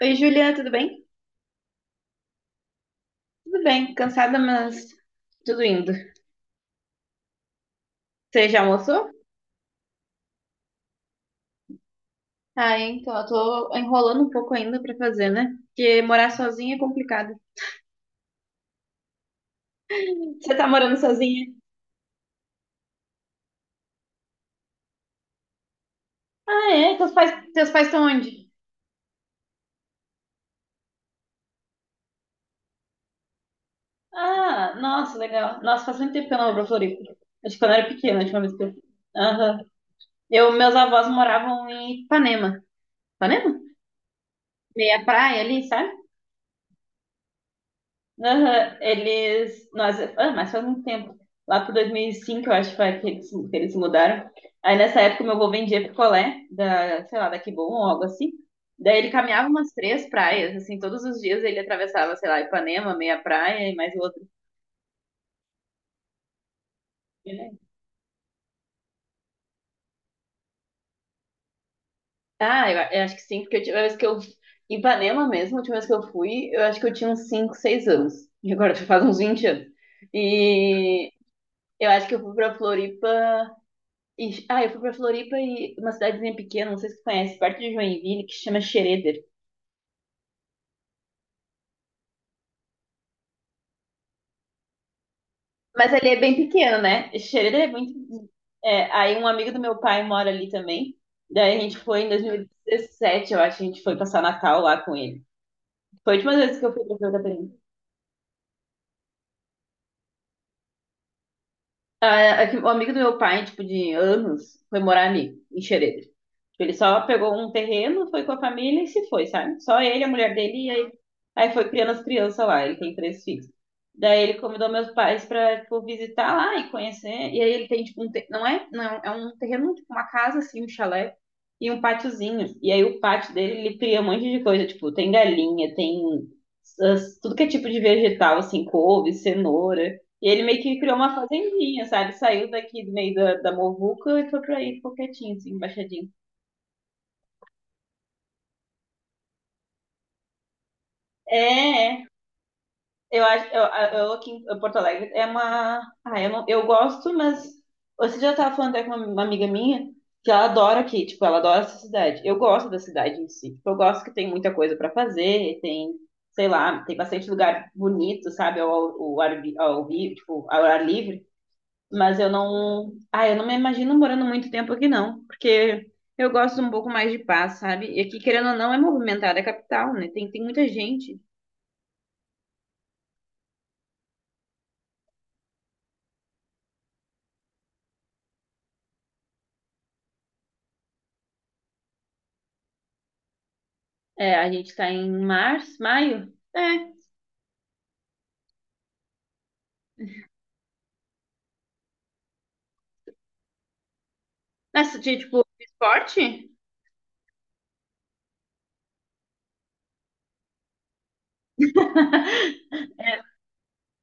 Oi, Juliana, tudo bem? Tudo bem, cansada, mas tudo indo. Você já almoçou? Eu tô enrolando um pouco ainda pra fazer, né? Porque morar sozinha é complicado. Você tá morando sozinha? Ah, é? Teus pais estão onde? Ah, nossa, legal. Nossa, faz muito tempo que eu não vou pra Floripa. Acho que quando eu era pequena, a última vez que eu... Aham. Meus avós moravam em Ipanema. Ipanema? Meia praia ali, sabe? Aham, eles. Nossa, ah, mas faz muito tempo. Lá por 2005, eu acho foi que eles se mudaram. Aí nessa época, meu avô vendia picolé, da, sei lá, da Kibon ou algo assim. Daí ele caminhava umas três praias, assim, todos os dias ele atravessava, sei lá, Ipanema, meia praia e mais outra. Ah, eu acho que sim, porque a última vez que eu. Em Ipanema mesmo, a última vez que eu fui, eu acho que eu tinha uns 5, 6 anos. E agora já faz uns 20 anos. E eu acho que eu fui pra Floripa. Eu fui pra Floripa e uma cidadezinha pequena, não sei se você conhece, perto de Joinville, que se chama Xereder. Mas ali é bem pequeno, né? Xereder é muito. É, aí um amigo do meu pai mora ali também. Daí a gente foi em 2017, eu acho, a gente foi passar Natal lá com ele. Foi a última vez que eu fui pra Floripa. Ah, é o amigo do meu pai, tipo, de anos, foi morar ali, em Xereder. Ele só pegou um terreno, foi com a família e se foi, sabe? Só ele, a mulher dele, e aí foi criando as crianças lá. Ele tem três filhos. Daí ele convidou meus pais pra, tipo, visitar lá e conhecer. E aí ele tem, tipo, um te... não é, não é um é um terreno, tipo, uma casa, assim, um chalé e um pátiozinho. E aí o pátio dele, ele cria um monte de coisa, tipo, tem galinha, tem tudo que é tipo de vegetal, assim, couve, cenoura. E ele meio que criou uma fazendinha, sabe? Saiu daqui do meio da muvuca e foi pra aí, ficou quietinho, assim, embaixadinho. É, é. Eu acho, eu aqui em Porto Alegre é uma, eu não, eu gosto, mas você já estava falando até com uma amiga minha que ela adora aqui, tipo, ela adora essa cidade. Eu gosto da cidade em si, tipo, eu gosto que tem muita coisa para fazer, tem, sei lá, tem bastante lugar bonito, sabe, tipo, ao ar livre. Mas eu não me imagino morando muito tempo aqui não, porque eu gosto um pouco mais de paz, sabe? E aqui, querendo ou não, é movimentada, é capital, né? Tem muita gente. É, a gente tá em março, maio? É. Nessa de, tipo, esporte?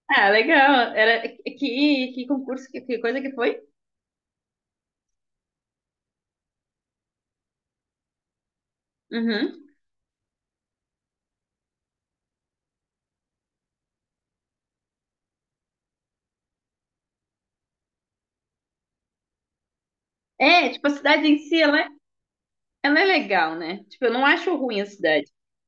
Ah, legal. Que concurso, que coisa que foi? Uhum. É, tipo, a cidade em si, ela é legal, né? Tipo, eu não acho ruim a cidade.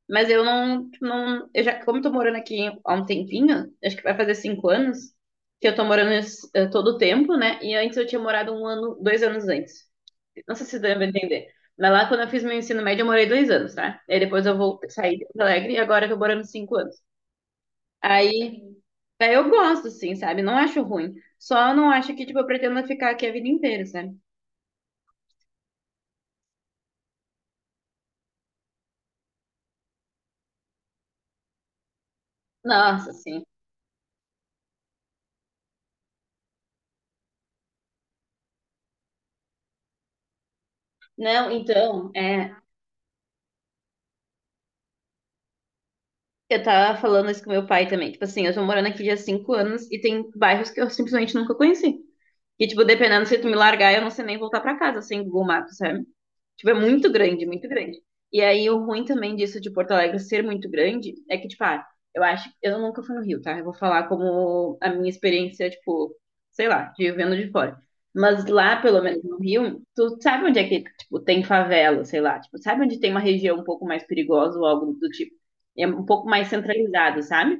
Mas eu não, tipo, não. Eu já, como eu tô morando aqui há um tempinho, acho que vai fazer 5 anos, que eu tô morando todo o tempo, né? E antes eu tinha morado um ano, 2 anos antes. Não sei se deu pra entender. Mas lá, quando eu fiz meu ensino médio, eu morei 2 anos, tá? Aí depois eu vou sair de Porto Alegre e agora eu tô morando 5 anos. Aí, aí eu gosto, assim, sabe? Não acho ruim. Só não acho que, tipo, eu pretendo ficar aqui a vida inteira, sabe? Nossa, sim. Não, então, é, eu tava falando isso com meu pai também. Tipo assim, eu tô morando aqui já há 5 anos e tem bairros que eu simplesmente nunca conheci. Que, tipo, dependendo se tu me largar, eu não sei nem voltar pra casa sem Google Maps, sabe? Tipo, é muito grande, muito grande. E aí, o ruim também disso de Porto Alegre ser muito grande é que, tipo, eu acho. Eu nunca fui no Rio, tá? Eu vou falar como a minha experiência, tipo, sei lá, de vendo de fora. Mas lá, pelo menos no Rio, tu sabe onde é que, tipo, tem favela, sei lá. Tipo, sabe onde tem uma região um pouco mais perigosa ou algo do tipo. É um pouco mais centralizado, sabe?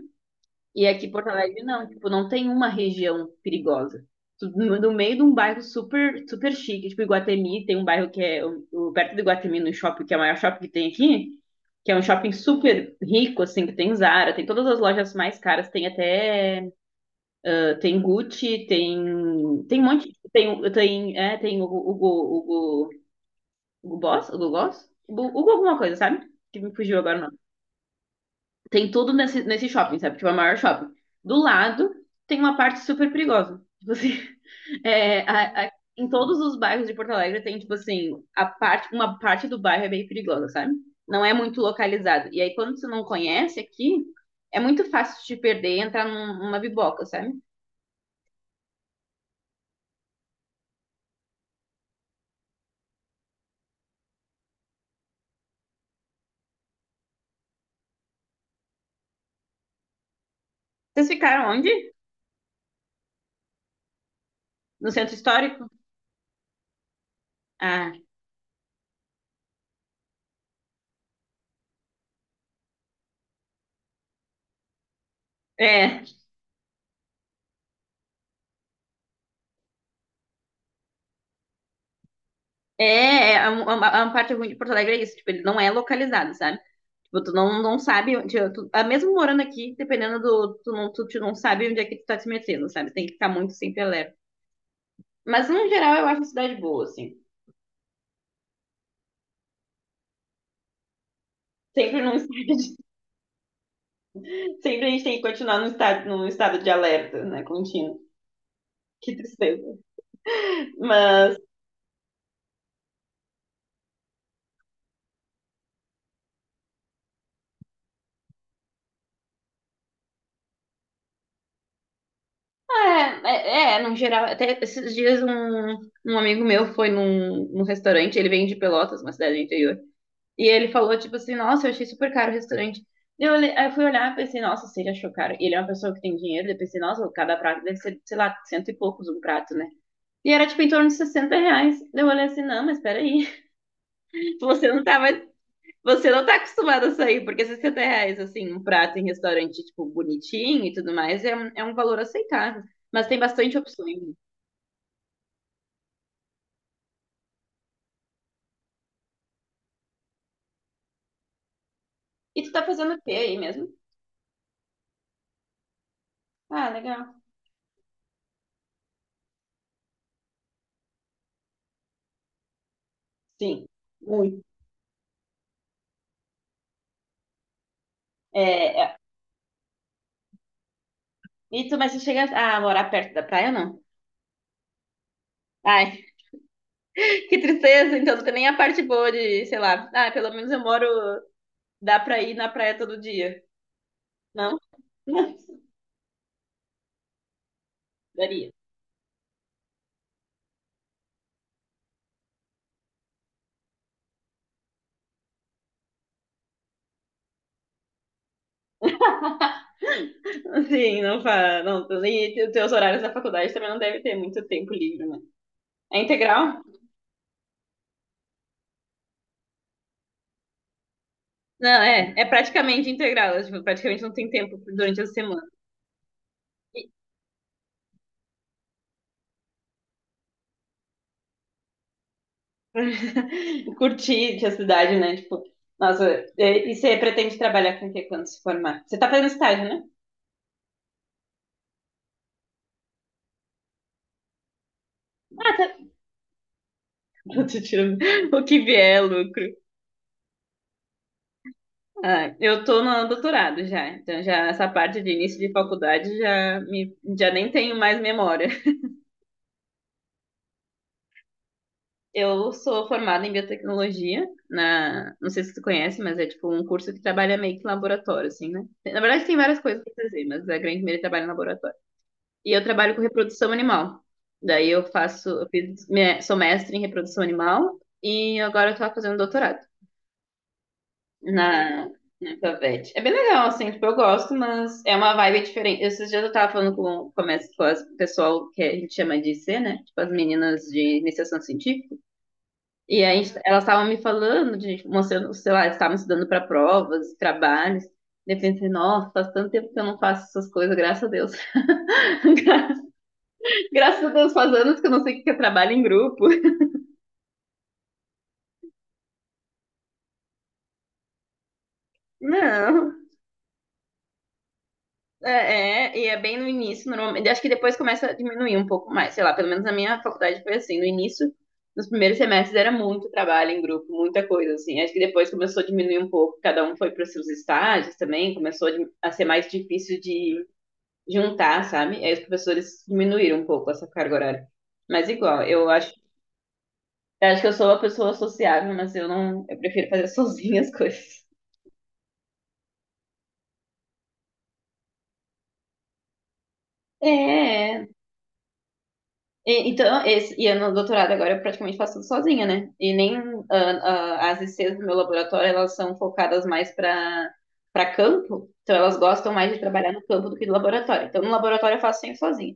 E aqui em Porto Alegre não, tipo, não tem uma região perigosa. No meio de um bairro super, super chique, tipo Iguatemi, tem um bairro que é perto do Iguatemi, no shopping, que é o maior shopping que tem aqui, que é um shopping super rico, assim, que tem Zara, tem todas as lojas mais caras, tem até, tem Gucci, tem, um monte, tem, tem, é, tem o Hugo, Hugo, Hugo Boss, Hugo Boss, Hugo Hugo alguma coisa, sabe? Que me fugiu agora o tem tudo nesse shopping, sabe? Tipo, é o maior shopping. Do lado tem uma parte super perigosa. Tipo assim, é, em todos os bairros de Porto Alegre tem, tipo assim, a parte, uma parte do bairro é bem perigosa, sabe? Não é muito localizado. E aí, quando você não conhece aqui, é muito fácil de te perder e entrar numa biboca, sabe? Vocês ficaram onde? No centro histórico? Ah, é. É, é, é uma parte ruim de Porto Alegre é isso. Tipo, ele não é localizado, sabe? Tipo, tu não, não sabe onde. Mesmo morando aqui, dependendo do. Tu não sabe onde é que tu tá te metendo, sabe? Tem que ficar muito sempre alerta. Mas, no geral, eu acho a cidade boa, assim. Sempre, sempre a gente tem que continuar num estado de alerta, né? Contínuo. Que tristeza. Mas, ah, é, é, é, no geral, até esses dias um, amigo meu foi num restaurante, ele vem de Pelotas, uma cidade do interior. E ele falou, tipo assim, nossa, eu achei super caro o restaurante. Aí eu fui olhar e pensei, nossa, se ele achou caro. E ele é uma pessoa que tem dinheiro, eu pensei, nossa, cada prato deve ser, sei lá, cento e poucos um prato, né? E era, tipo, em torno de R$ 60. Eu olhei assim, não, mas peraí, você não tava, você não tá acostumado a sair, porque R$ 60, assim, um prato em restaurante, tipo, bonitinho e tudo mais, é um valor aceitável. Mas tem bastante opções. E tu tá fazendo o quê aí mesmo? Ah, legal. Sim, muito. É, é. Mas tu chega a morar perto da praia ou não? Ai, que tristeza, então não tem nem a parte boa de, sei lá, pelo menos eu moro, dá pra ir na praia todo dia. Não? Não, daria. Sim, não faz. Não, e os teus horários da faculdade também não deve ter muito tempo livre, né? É integral? Não, é, é praticamente integral, é, tipo, praticamente não tem tempo durante a semana. E- Curtir a cidade, né? Tipo, nossa, e você pretende trabalhar com o que quando se formar? Você tá fazendo estágio, né? Ah, tá. Eu tô tirando o que vier, é lucro. Ah, eu tô no doutorado já, então já essa parte de início de faculdade já me já nem tenho mais memória. Eu sou formada em biotecnologia, não sei se você conhece, mas é tipo um curso que trabalha meio que em laboratório, assim, né? Na verdade tem várias coisas pra fazer, mas a grande maioria trabalha em laboratório. E eu trabalho com reprodução animal. Daí eu faço, eu fiz, minha- sou mestre em reprodução animal e agora eu tô fazendo doutorado. na, na Favete. É bem legal, assim, tipo, eu gosto, mas é uma vibe diferente. Esses dias eu tava falando com as o pessoal que a gente chama de IC né? Tipo, as meninas de iniciação científica. E aí elas estavam me falando, de, tipo, mostrando, sei lá, elas estavam estudando para provas, trabalhos. E eu pensei, nossa, faz tanto tempo que eu não faço essas coisas, graças a Deus. Graças a Deus, faz anos que eu não sei o que é trabalho em grupo. Não, é, é, e é bem no início, normalmente. Acho que depois começa a diminuir um pouco mais, sei lá, pelo menos na minha faculdade foi assim, no início, nos primeiros semestres era muito trabalho em grupo, muita coisa, assim. Acho que depois começou a diminuir um pouco, cada um foi para os seus estágios também, começou a di- a ser mais difícil de juntar, sabe? Aí os professores diminuíram um pouco essa carga horária. Mas igual, eu acho que eu sou uma pessoa sociável, mas eu não, eu prefiro fazer sozinha as coisas. É, é. E- Então, esse, e eu no doutorado agora eu praticamente faço tudo sozinha, né? E nem as ICs do meu laboratório, elas são focadas mais para campo, então elas gostam mais de trabalhar no campo do que no laboratório. Então, no laboratório eu faço sempre sozinha.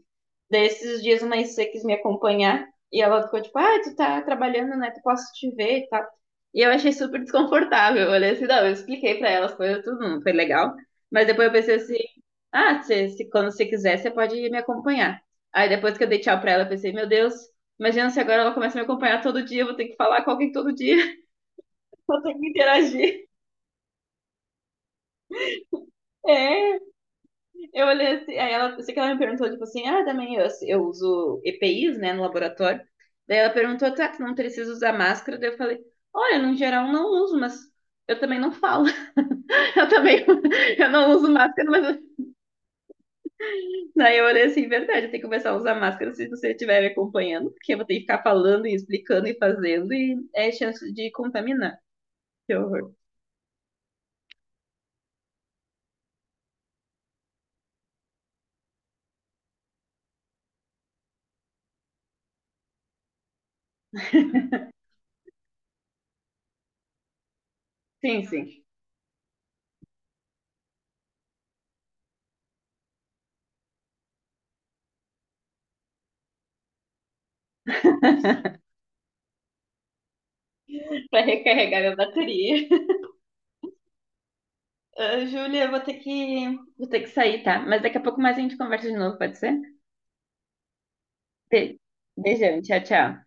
Daí, esses dias, uma IC quis me acompanhar e ela ficou tipo, ah, tu tá trabalhando, né? Tu posso te ver e tal. E eu achei super desconfortável. Eu olhei assim, não, eu expliquei para elas, foi tudo, não foi legal. Mas depois eu pensei assim, ah, quando você quiser, você pode me acompanhar. Aí depois que eu dei tchau pra ela, eu pensei, meu Deus, imagina se agora ela começa a me acompanhar todo dia, eu vou ter que falar com alguém todo dia, vou ter que interagir. É, eu olhei assim, eu sei que ela me perguntou, tipo assim, ah, também eu uso EPIs, né, no laboratório. Daí ela perguntou, tá, tu não precisa usar máscara? Daí eu falei, olha, no geral não uso, mas eu também não falo. Eu também eu não uso máscara, mas daí eu olhei assim, verdade, eu tenho que começar a usar máscara se você estiver me acompanhando, porque eu vou ter que ficar falando e explicando e fazendo, e é chance de contaminar. Que horror. Sim, sim. Pra recarregar minha bateria. Ah, Júlia, eu vou ter que, sair, tá? Mas daqui a pouco mais a gente conversa de novo, pode ser? Be- Beijão, tchau, tchau.